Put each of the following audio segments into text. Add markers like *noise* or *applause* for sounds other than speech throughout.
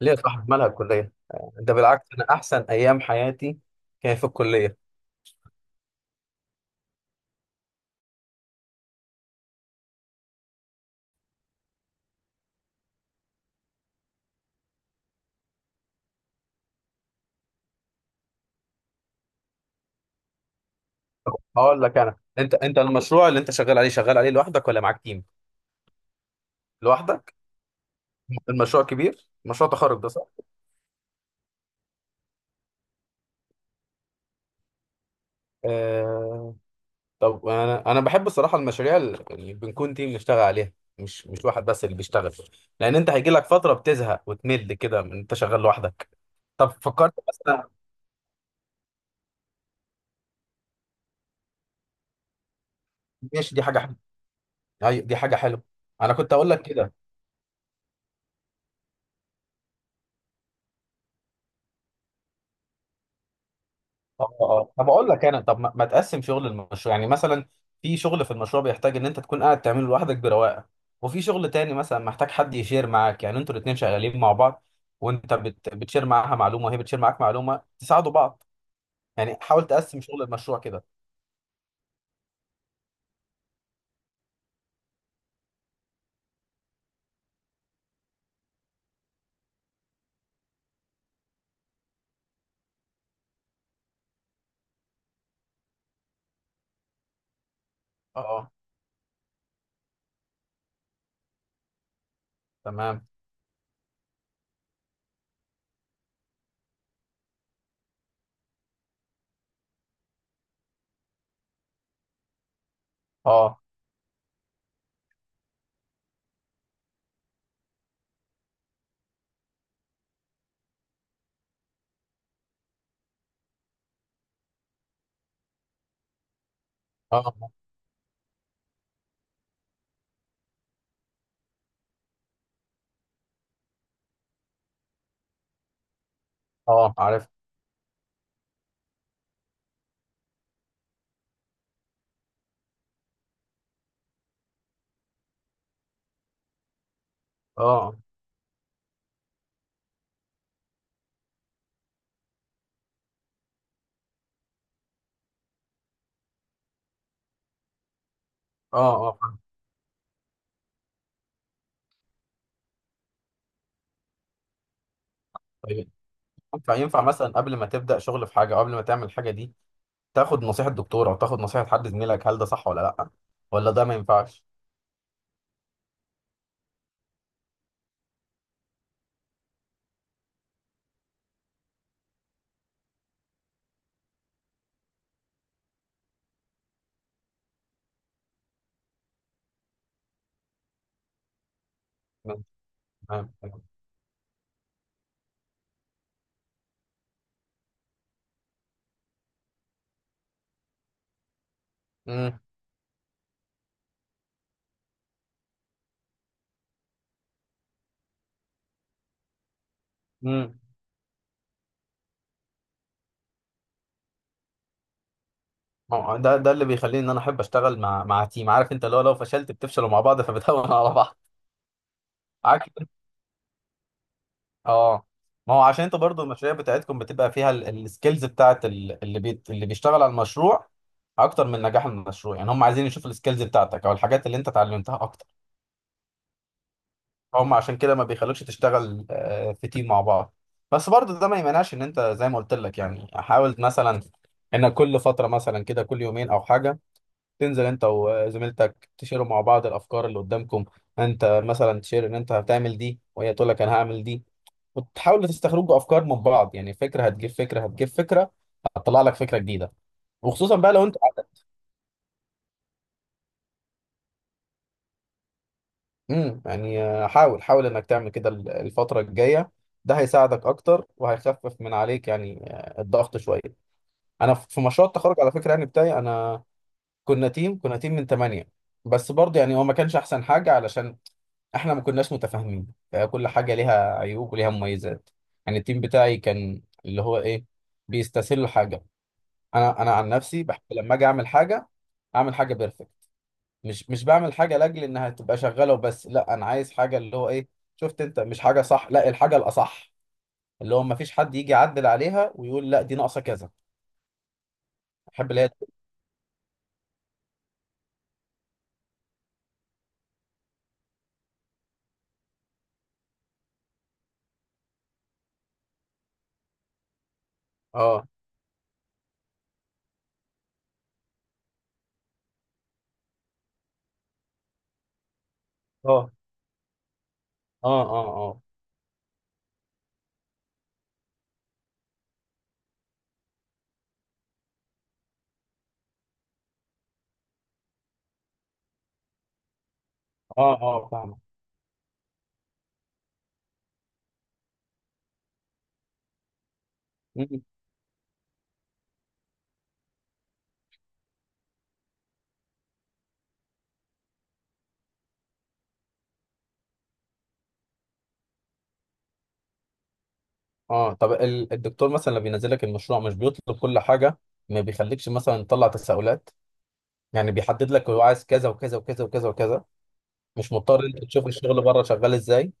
ليه يا صاحبي مالها الكلية؟ ده بالعكس، أنا أحسن أيام حياتي كانت في الكلية. هقول لك أنا، أنت المشروع اللي أنت شغال عليه لوحدك ولا معاك تيم؟ لوحدك؟ المشروع كبير؟ مشروع تخرج ده، صح؟ آه. طب أنا بحب الصراحة المشاريع اللي بنكون تيم نشتغل عليها، مش واحد بس اللي بيشتغل. لأن أنت هيجي لك فترة بتزهق وتمل كده من أنت شغال لوحدك. طب فكرت مثلا؟ ماشي، دي حاجة حلوة. أيوة، دي حاجة حلوة. أنا كنت أقول لك كده. اه، اه، طب اقول لك انا، طب ما تقسم شغل المشروع، يعني مثلا في شغل في المشروع بيحتاج ان انت تكون قاعد تعمله لوحدك برواقه، وفي شغل تاني مثلا محتاج حد يشير معاك، يعني انتوا الاتنين شغالين مع بعض، وانت بتشير معاها معلومه وهي بتشير معاك معلومه تساعدوا بعض. يعني حاول تقسم شغل المشروع كده. اه، اه، تمام. اه، اه، اه، عارف. اه، اه، اه، فاهم. طيب ينفع مثلا قبل ما تبدا شغل في حاجه، او قبل ما تعمل الحاجه دي، تاخد نصيحه دكتور او تاخد نصيحه حد زميلك، هل ده صح ولا لا، ولا ده ما ينفعش؟ تمام، تمام. امم. امم. ما هو ده اللي بيخليني ان انا احب اشتغل مع تيم. عارف انت لو فشلت بتفشلوا مع بعض *laughs* فبتهون على بعض. عكس. اه. ما هو عشان انت برضو المشاريع بتاعتكم بتبقى فيها السكيلز بتاعت اللي بيشتغل على المشروع، اكتر من نجاح المشروع. يعني هم عايزين يشوفوا السكيلز بتاعتك او الحاجات اللي انت اتعلمتها اكتر. هم عشان كده ما بيخلوكش تشتغل في تيم مع بعض. بس برضو ده ما يمنعش ان انت، زي ما قلت لك، يعني حاول مثلا انك كل فترة مثلا كده، كل يومين او حاجة، تنزل انت وزميلتك تشيروا مع بعض الافكار اللي قدامكم. انت مثلا تشير ان انت هتعمل دي وهي تقول لك انا هعمل دي، وتحاولوا تستخرجوا افكار من بعض. يعني فكره هتجيب فكره، هتجيب فكره، هتطلع لك فكره جديده. وخصوصا بقى لو انت... امم، يعني حاول حاول انك تعمل كده الفتره الجايه. ده هيساعدك اكتر وهيخفف من عليك، يعني الضغط شويه. انا في مشروع التخرج على فكره، يعني بتاعي انا، كنا تيم من ثمانية. بس برضه يعني هو ما كانش احسن حاجة، علشان احنا ما كناش متفاهمين. فكل حاجة ليها عيوب وليها مميزات. يعني التيم بتاعي كان اللي هو ايه، بيستسهلوا حاجة. انا عن نفسي بحب لما اجي اعمل حاجة، اعمل حاجة بيرفكت. مش بعمل حاجة لاجل انها تبقى شغالة وبس، لا انا عايز حاجة اللي هو ايه، شفت انت، مش حاجة صح، لا الحاجة الاصح، اللي هو ما فيش حد يجي يعدل عليها ويقول لا، دي ناقصة كذا. احب اللي هي... اه، اه، اه، اه، اه، اه، اه، فاهمة. اه، طب الدكتور مثلا لما بينزل لك المشروع مش بيطلب كل حاجه؟ ما بيخليكش مثلا تطلع تساؤلات، يعني بيحدد لك هو عايز كذا وكذا وكذا وكذا وكذا، مش مضطر انت تشوف الشغل بره شغال ازاي.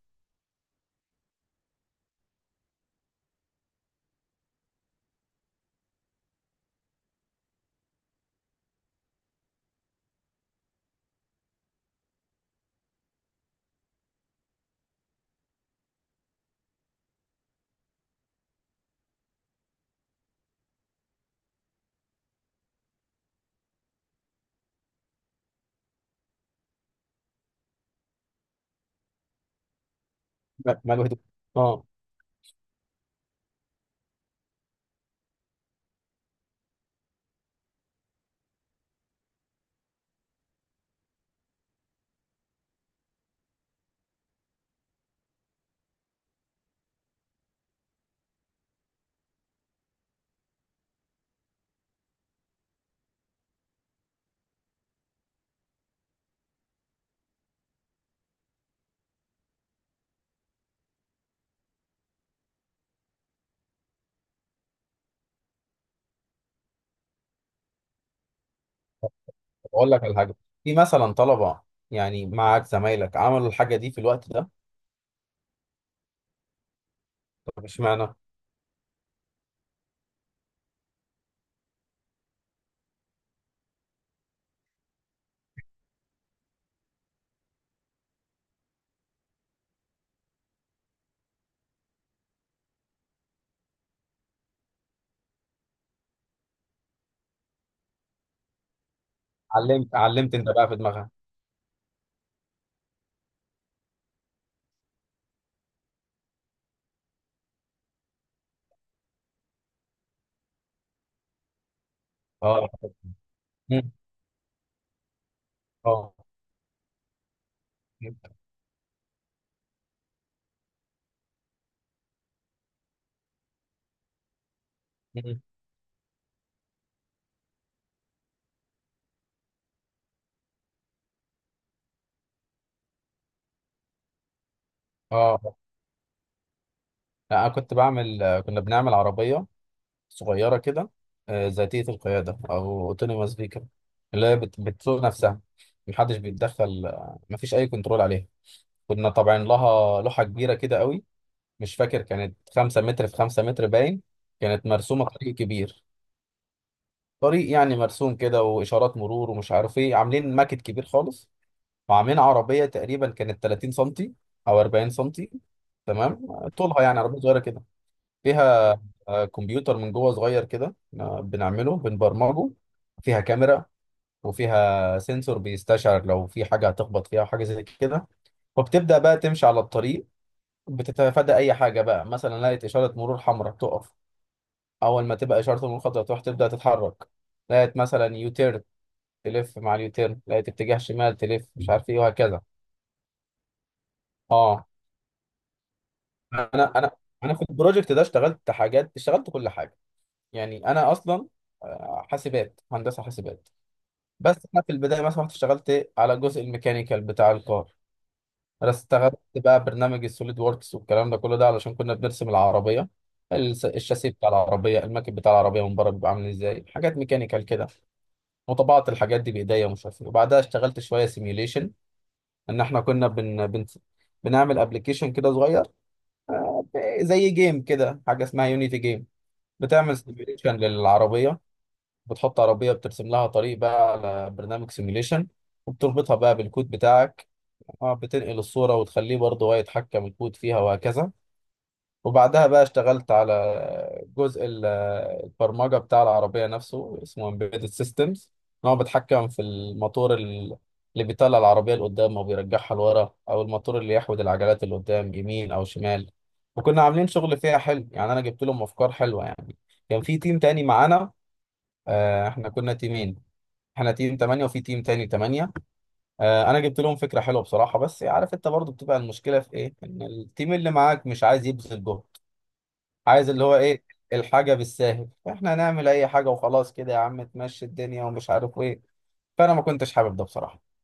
لا، ما الواحد- اه. اقول لك على حاجه، في مثلا طلبه، يعني معاك زمايلك عملوا الحاجه دي في الوقت ده؟ طب اشمعنى؟ علمت انت بقى في دماغها. اه. مم. اه. مم. اه. لا، انا كنت بعمل كنا بنعمل عربيه صغيرة كده، ذاتية القيادة أو autonomous vehicle، اللي هي بتسوق نفسها، محدش بيتدخل. مفيش أي كنترول عليها. كنا طبعا لها لوحة كبيرة كده قوي، مش فاكر، كانت 5 متر في 5 متر باين. كانت مرسومة طريق كبير، طريق يعني مرسوم كده وإشارات مرور ومش عارف إيه، عاملين ماكت كبير خالص. وعاملين عربية تقريبا كانت 30 سنتي أو 40 سنتي، تمام، طولها، يعني عربية صغيرة كده. فيها كمبيوتر من جوه صغير كده، بنعمله بنبرمجه، فيها كاميرا، وفيها سنسور بيستشعر لو في حاجة هتخبط فيها وحاجة زي كده. وبتبدأ بقى تمشي على الطريق، بتتفادى أي حاجة، بقى مثلا لقيت إشارة مرور حمراء تقف، أول ما تبقى إشارة المرور خضراء تروح تبدأ تتحرك، لقيت مثلا يوتيرن تلف مع اليوتيرن، لقيت اتجاه شمال تلف مش عارف إيه، وهكذا. أه. أنا أنا أنا في البروجكت ده اشتغلت حاجات، اشتغلت كل حاجة. يعني أنا أصلا حاسبات، هندسة حاسبات. بس انا في البدايه مثلا رحت اشتغلت على جزء الميكانيكال بتاع الكار. انا استخدمت بقى برنامج السوليد ووركس والكلام ده كله، ده علشان كنا بنرسم العربيه، الشاسيه بتاع العربيه، الماكب بتاع العربيه من بره بيبقى عامل ازاي، حاجات ميكانيكال كده. وطبعت الحاجات دي بايديا ومش عارف ايه. وبعدها اشتغلت شويه سيميوليشن، ان احنا كنا بنعمل ابلكيشن كده صغير، زي جيم كده، حاجه اسمها يونيتي جيم، بتعمل سيميوليشن للعربيه. بتحط عربيه بترسم لها طريق بقى على برنامج سيميوليشن، وبتربطها بقى بالكود بتاعك. اه، بتنقل الصورة وتخليه برضه هو يتحكم الكود فيها، وهكذا. وبعدها بقى اشتغلت على جزء البرمجة بتاع العربية نفسه، اسمه Embedded Systems، ان هو بيتحكم في الموتور اللي بيطلع العربية لقدام او بيرجعها لورا، او الموتور اللي يحود العجلات اللي قدام يمين او شمال. وكنا عاملين شغل فيها حلو، يعني انا جبت لهم افكار حلوة يعني. كان في تيم تاني معانا. احنا كنا تيمين، احنا تيم تمانية وفي تيم تاني تمانية. انا جبت لهم فكره حلوه بصراحه. بس عارف انت برضو بتبقى المشكله في ايه، ان التيم اللي معاك مش عايز يبذل جهد، عايز اللي هو ايه، الحاجه بالساهل، فاحنا هنعمل اي حاجه وخلاص كده، يا عم تمشي الدنيا ومش عارف ايه. فانا ما كنتش حابب ده بصراحه.